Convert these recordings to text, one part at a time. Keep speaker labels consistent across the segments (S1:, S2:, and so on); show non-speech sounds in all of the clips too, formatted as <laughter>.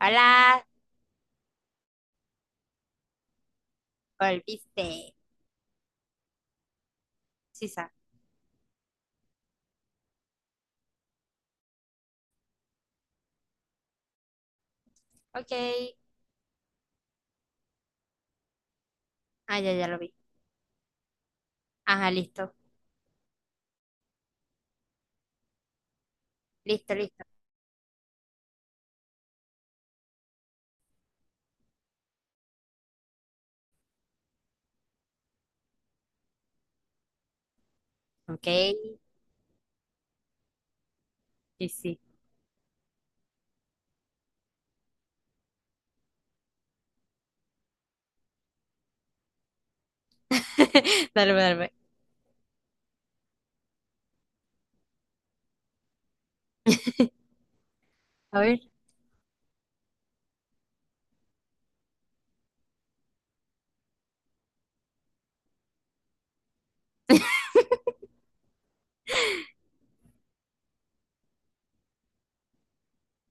S1: Hola, volviste. Sisa. Ok. Ah, ya, ya lo vi. Ajá, listo. Listo, listo. Ok. Sí, sí. <laughs> Dale, dale. A ver,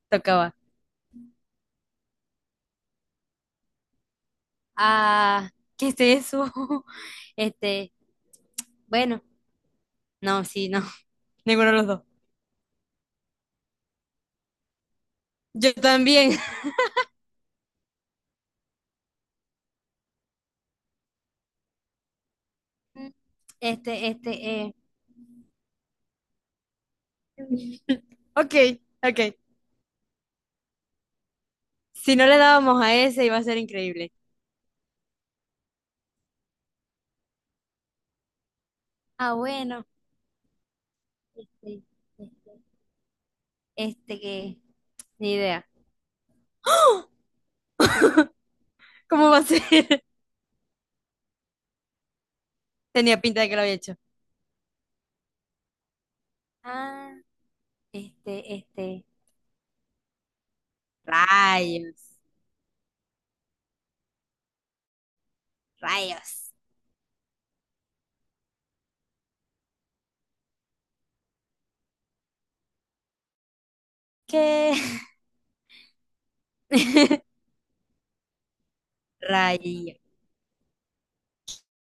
S1: tocaba. Ah, ¿qué es eso? <laughs> Este, bueno, no, sí, no. <laughs> Ninguno de los dos. Yo también. <laughs> Mm, este, eh. Ok, ok. Si no le dábamos a ese, iba a ser increíble. Ah, bueno. Este, este, este que. Ni idea. <gasps> <laughs> ¿Cómo va a ser? Tenía pinta de que lo había hecho. Ah, este. Rayos, rayos. ¿Qué? <laughs> Rayos.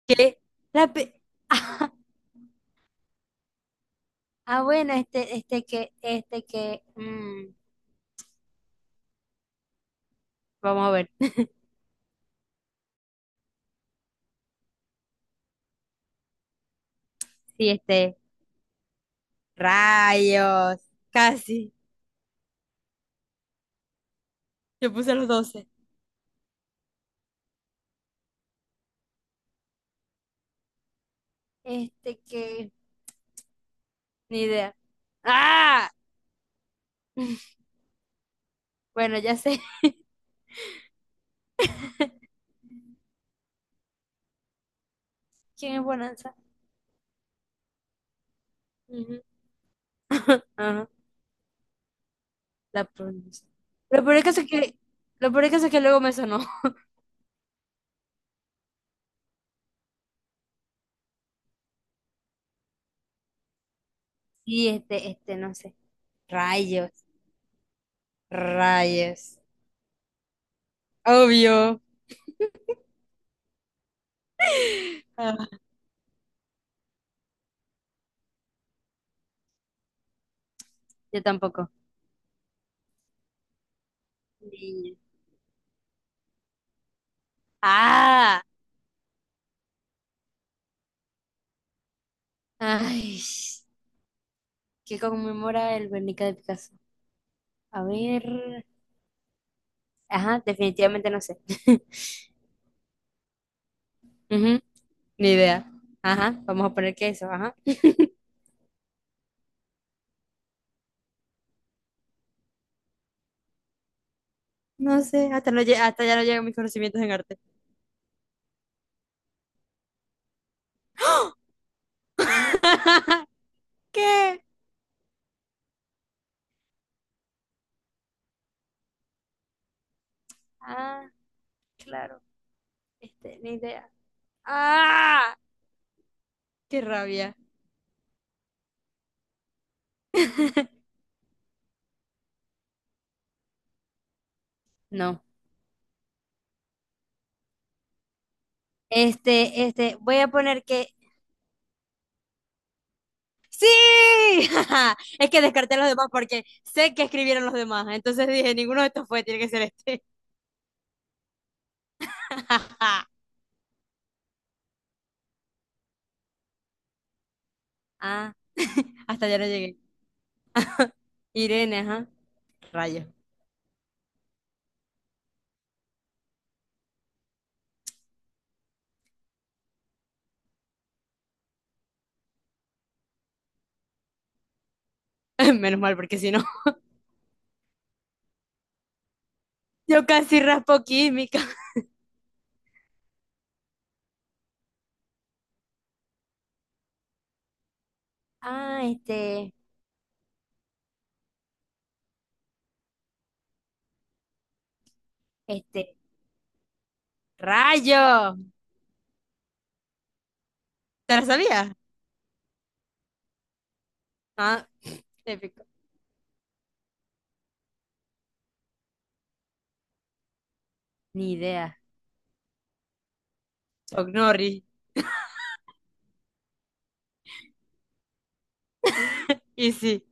S1: ¿Qué? La pe- <laughs> ah, bueno, este que. Vamos a ver. Sí, este. Rayos. Casi. Yo puse los doce. Este que. Ni idea. ¡Ah! <laughs> Bueno, ya sé <laughs> quién es Bonanza. Ujú. <laughs> Ajá, la pronuncia. Lo peor del caso es lo peor del caso es que luego me sonó. Sí, este, no sé. Rayos, rayos. Obvio. Ah. Yo tampoco. Niño. Ah, ay, qué conmemora el Guernica de Picasso. A ver. Ajá, definitivamente no sé. <laughs> Ujú, ni idea. Ajá, vamos a poner que eso, ajá. No sé, hasta ya no llegan mis conocimientos en arte. <laughs> ¿Qué? Ah, claro. Este, ni idea. ¡Ah! ¡Qué rabia! No. Voy a poner que sí. <laughs> Es que descarté a los demás porque sé que escribieron los demás. Entonces dije, ninguno de estos fue, tiene que ser este. <laughs> Ah, hasta ya no llegué. Irene, ajá. Rayo. <laughs> Menos mal, porque si no, <laughs> yo casi raspo química. Ah, este, rayo. ¿Te la sabías? Ah, épico. Ni idea. Ognori. Y sí.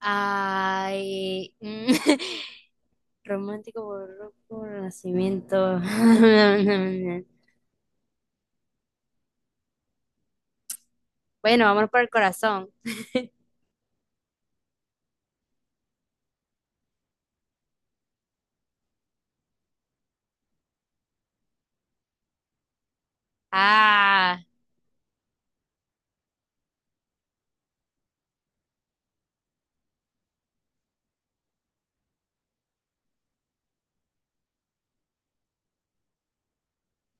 S1: Ay, <laughs> romántico, barroco, renacimiento. <laughs> Bueno, vamos por el corazón. <laughs> Ah,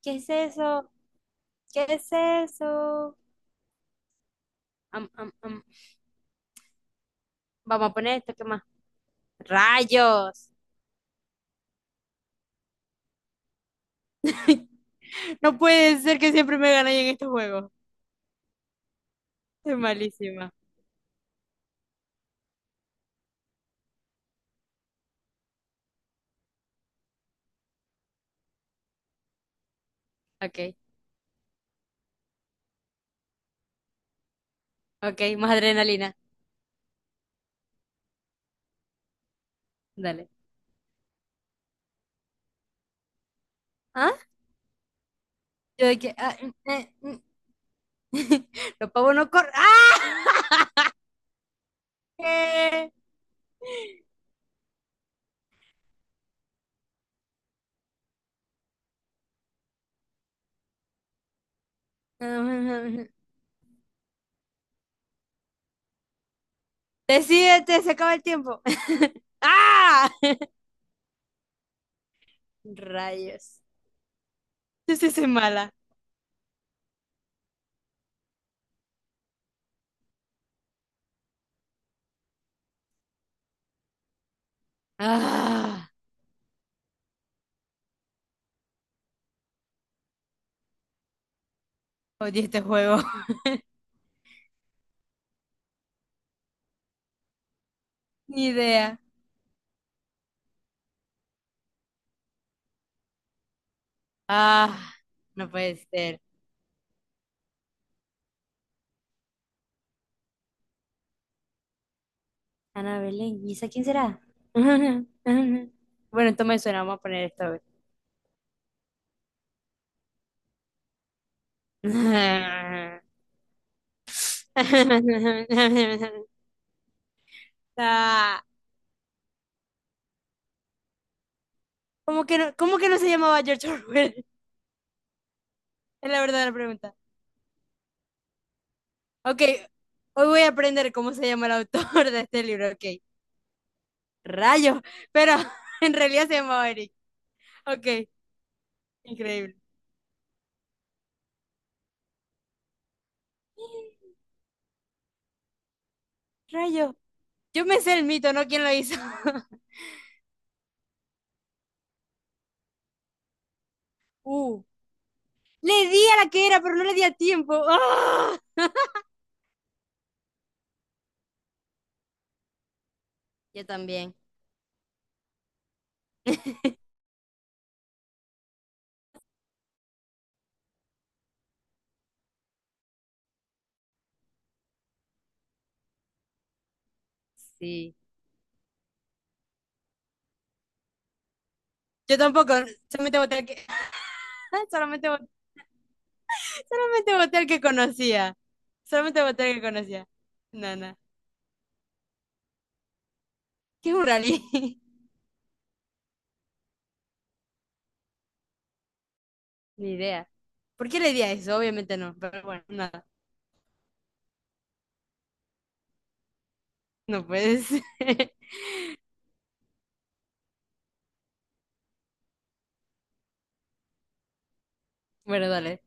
S1: ¿qué es eso? ¿Qué es eso? Am, am, am. Vamos a poner esto, ¿qué más? ¡Rayos! <laughs> No puede ser que siempre me ganen en estos juegos. Es malísima. Ok, ok, más adrenalina. Dale. ¿Ah? Yo de que. Ah, mm, mm. <laughs> Los pavos no corren. ¡Ah! <laughs> ¿Qué? <laughs> Decídete, se acaba el tiempo. <laughs> ¡Ah! Rayos. Yo sí soy mala. ¡Ah! Odio este juego. <laughs> Ni idea. ¡Ah! No puede ser. Ana Belén, ¿y esa quién será? <laughs> Bueno, esto me suena, vamos a poner esto. A ver. <laughs> Ah, ¿cómo que no, cómo que no se llamaba George Orwell? <laughs> Es la verdadera pregunta. Ok, hoy voy a aprender cómo se llama el autor de este libro, ok. Rayo, pero <laughs> en realidad se llamaba Eric. Ok, increíble. Rayo, yo me sé el mito, ¿no? ¿Quién lo hizo? <laughs> Uh, le di a la que era, pero no le di a tiempo. ¡Ah! Yo también, sí. Yo tampoco, solamente voté al que... <laughs> solamente voté... solamente voté al que conocía. Solamente voté al que conocía. No, no. ¿Qué es un rally? <laughs> Ni idea. ¿Por qué le di a eso? Obviamente no, pero bueno, nada. No puedes. <laughs> Bueno, dale.